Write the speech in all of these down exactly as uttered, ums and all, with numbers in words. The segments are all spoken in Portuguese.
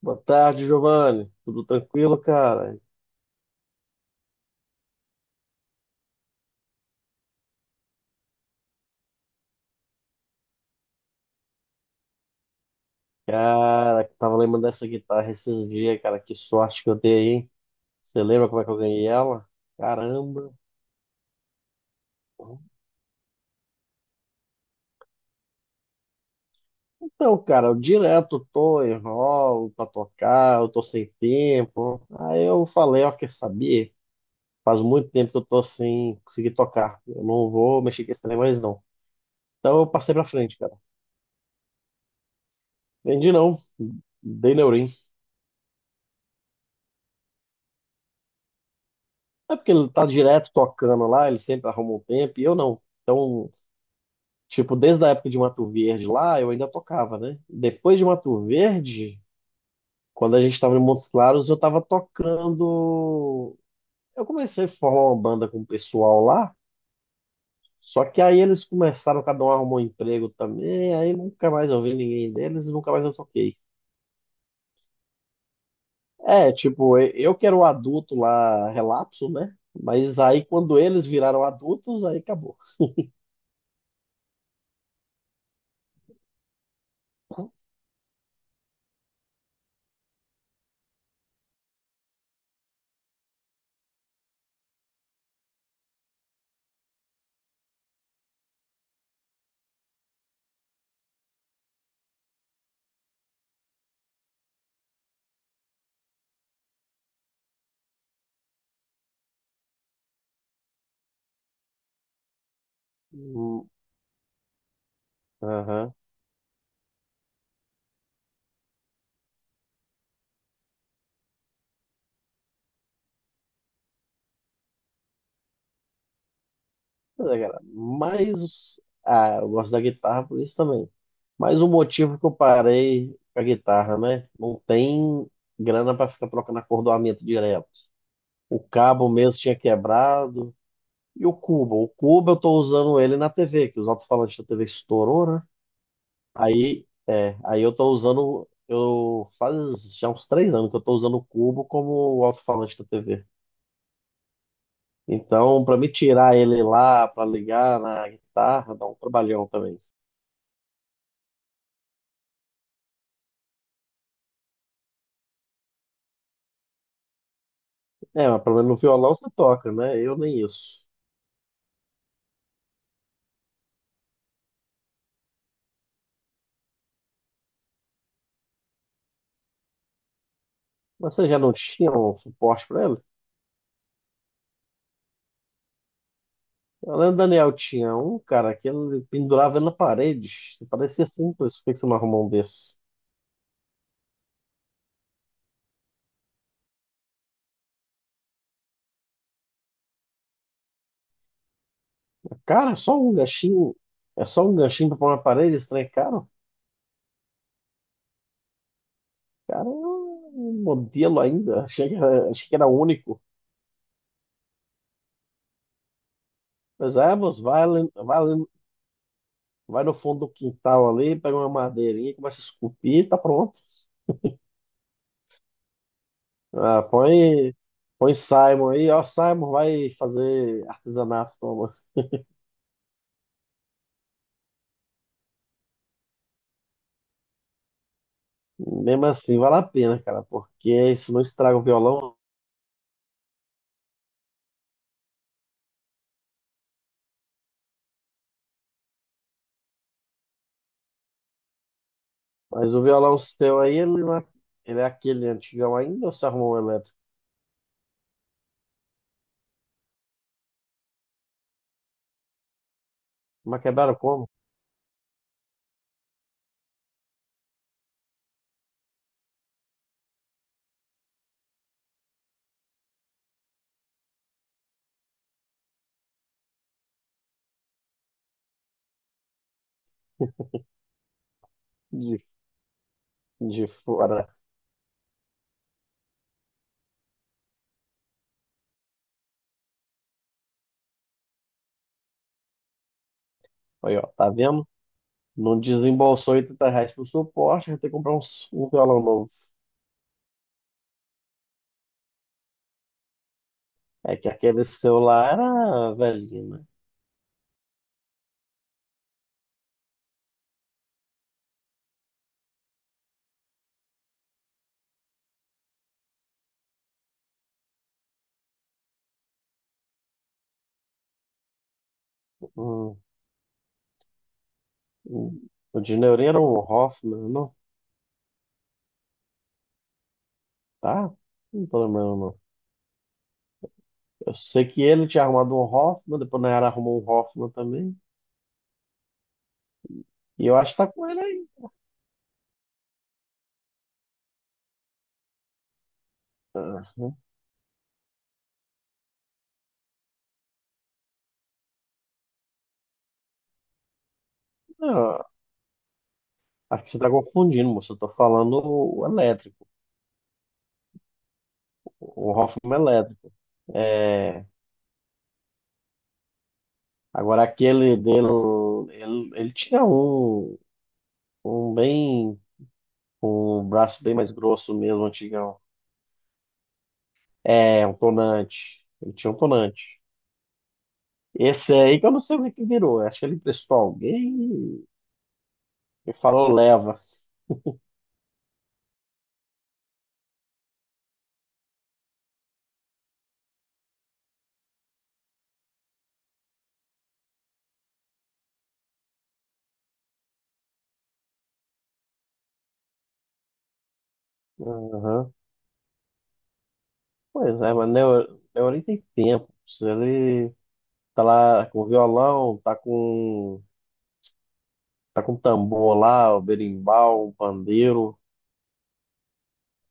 Boa tarde, Giovanni. Tudo tranquilo, cara? Cara, tava lembrando dessa guitarra esses dias, cara. Que sorte que eu dei, hein? Você lembra como é que eu ganhei ela? Caramba. Então, cara, eu direto tô, enrolo pra tocar, eu tô sem tempo. Aí eu falei, ó, quer saber? Faz muito tempo que eu tô sem conseguir tocar. Eu não vou mexer com esse trem mais, não. Então eu passei pra frente, cara. Vendi não, dei neurim. É porque ele tá direto tocando lá, ele sempre arruma um tempo, e eu não. Então, tipo, desde a época de Mato Verde lá, eu ainda tocava, né? Depois de Mato Verde, quando a gente estava em Montes Claros, eu estava tocando. Eu comecei a formar uma banda com o pessoal lá, só que aí eles começaram, cada um arrumou um emprego também, aí nunca mais eu vi ninguém deles e nunca mais eu toquei. É, tipo, eu eu que era o adulto lá, relapso, né? Mas aí quando eles viraram adultos, aí acabou. Hum. Aham. Mas, é, cara, mas, os- ah, eu gosto da guitarra por isso também. Mas o motivo que eu parei com a guitarra, né? Não tem grana para ficar trocando acordoamento direto. O cabo mesmo tinha quebrado. E o cubo? O cubo eu tô usando ele na T V, que os alto-falantes da T V estourou, né? Aí, é, aí eu tô usando. Eu faz já uns três anos que eu tô usando o cubo como o alto-falante da T V. Então, para me tirar ele lá, para ligar na guitarra, dá um trabalhão também. É, mas pelo menos no violão você toca, né? Eu nem isso. Mas você já não tinha um suporte para ele? Eu lembro do Daniel tinha um, cara, que ele pendurava ele na parede. Parecia simples. Por que que você não arrumou um desses. Cara, é só um ganchinho. É só um ganchinho para pôr na parede, esse trem é caro. Cara, é um modelo ainda. Achei que era, achei que era único. Mas é, moço, vai, ali- vai, ali- vai no fundo do quintal ali, pega uma madeirinha, começa a esculpir, tá pronto. Ah, põe, põe Simon aí, ó, Simon vai fazer artesanato, toma. Mesmo assim, vale a pena, cara, porque isso não estraga o violão. Mas o violão seu aí, ele, não é, ele é aquele antigão ainda ou você arrumou o elétrico? Mas quebraram como? De, de fora. Aí, ó, tá vendo? Não desembolsou oitenta reais pro suporte, vai ter que comprar um, s- um violão novo. É que aquele seu lá era velhinho, né? Hum, hum. O de Neurinho era um Hoffman, não? Tá? Não tô lembrando, não. Eu sei que ele tinha arrumado um Hoffman, depois na era arrumou um Hoffman também. E eu acho que tá com ele. Uhum. Não, acho que você está confundindo, moço. Eu tô falando o elétrico, o Hoffman elétrico. É, agora aquele dele, ele, ele tinha um, um bem, um braço bem mais grosso mesmo, antigão. É, um tonante. Ele tinha um tonante. Esse aí que eu não sei o que que virou. Acho que ele emprestou alguém e falou leva. Aham. Pois é, mas Neo- Neori tem tempo. Se ele tá lá com violão, tá com tá com tambor lá, o berimbau, o pandeiro.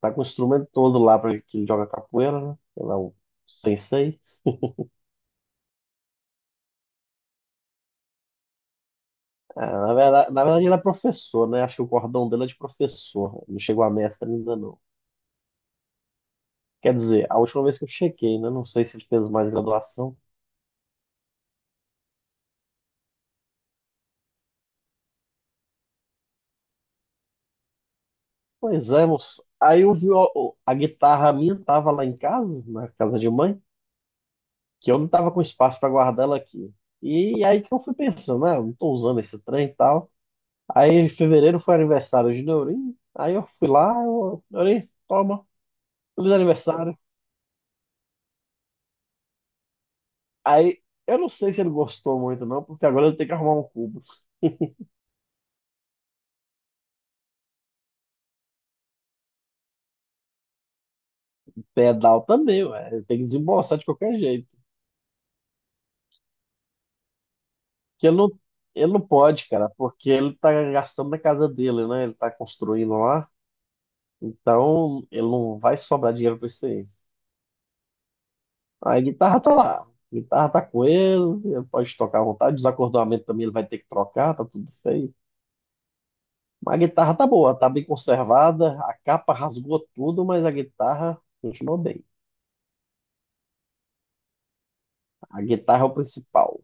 Tá com o instrumento todo lá para que ele joga capoeira, né? Sei lá, o sensei. Ah, na verdade, na verdade, ele é professor, né? Acho que o cordão dele é de professor. Não chegou a mestre ainda, não. Quer dizer, a última vez que eu chequei, né? Não sei se ele fez mais graduação. Pois é, moço. Aí eu vi a guitarra minha tava lá em casa, na casa de mãe, que eu não tava com espaço para guardar ela aqui. E aí que eu fui pensando, né? Eu não tô usando esse trem e tal. Aí em fevereiro foi aniversário de Neurinho. Aí eu fui lá, eu, Neurinho, toma, feliz aniversário. Aí eu não sei se ele gostou muito, não, porque agora eu tenho que arrumar um cubo. Pedal também, ué. Ele tem que desembolsar de qualquer jeito. Que ele não, ele não pode, cara, porque ele tá gastando na casa dele, né? Ele tá construindo lá. Então ele não vai sobrar dinheiro pra isso aí. Aí a guitarra tá lá. A guitarra tá com ele, ele pode tocar à vontade. Desacordoamento também ele vai ter que trocar, tá tudo feio. A guitarra tá boa, tá bem conservada, a capa rasgou tudo, mas a guitarra continuou bem. A guitarra é o principal.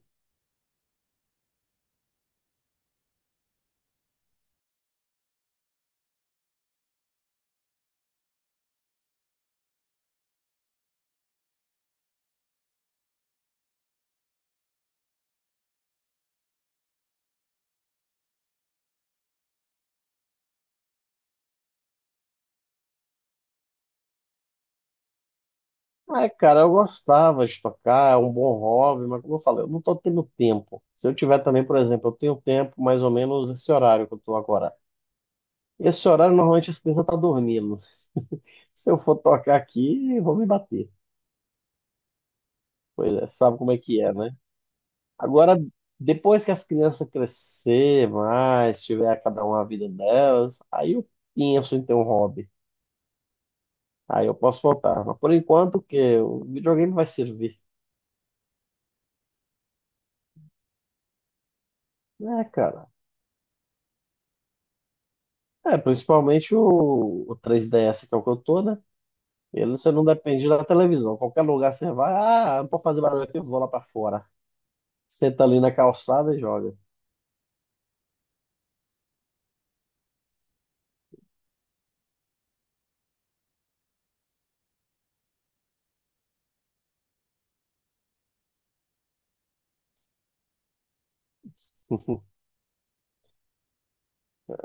É, cara, eu gostava de tocar, é um bom hobby, mas como eu falei, eu não tô tendo tempo. Se eu tiver também, por exemplo, eu tenho tempo mais ou menos esse horário que eu tô agora. Esse horário normalmente as crianças tá dormindo. Se eu for tocar aqui, vão me bater. Pois é, sabe como é que é, né? Agora, depois que as crianças crescer mais, tiver cada uma a vida delas, aí eu penso em ter um hobby. Aí eu posso voltar. Mas por enquanto, o quê? O videogame vai servir. É, cara. É, principalmente o, o três D S, que é o que eu tô, né? Ele, você não depende da televisão. Qualquer lugar você vai, ah, não pode fazer barulho aqui, eu vou lá pra fora. Senta ali na calçada e joga.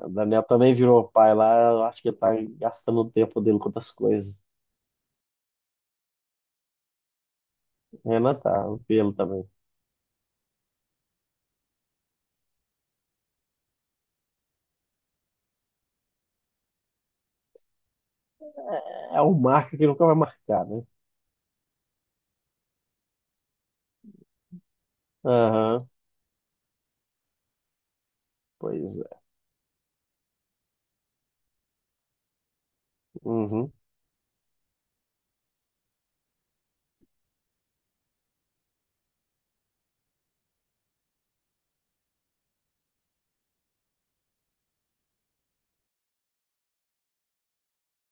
O Daniel também virou pai lá, eu acho que ele tá gastando o tempo dele com outras coisas. Renan tá, o pelo também. É é o marca que nunca vai marcar, né? Aham, pois é. Uhum.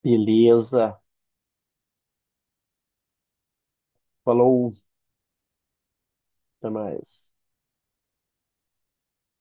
Beleza. Falou, até mais.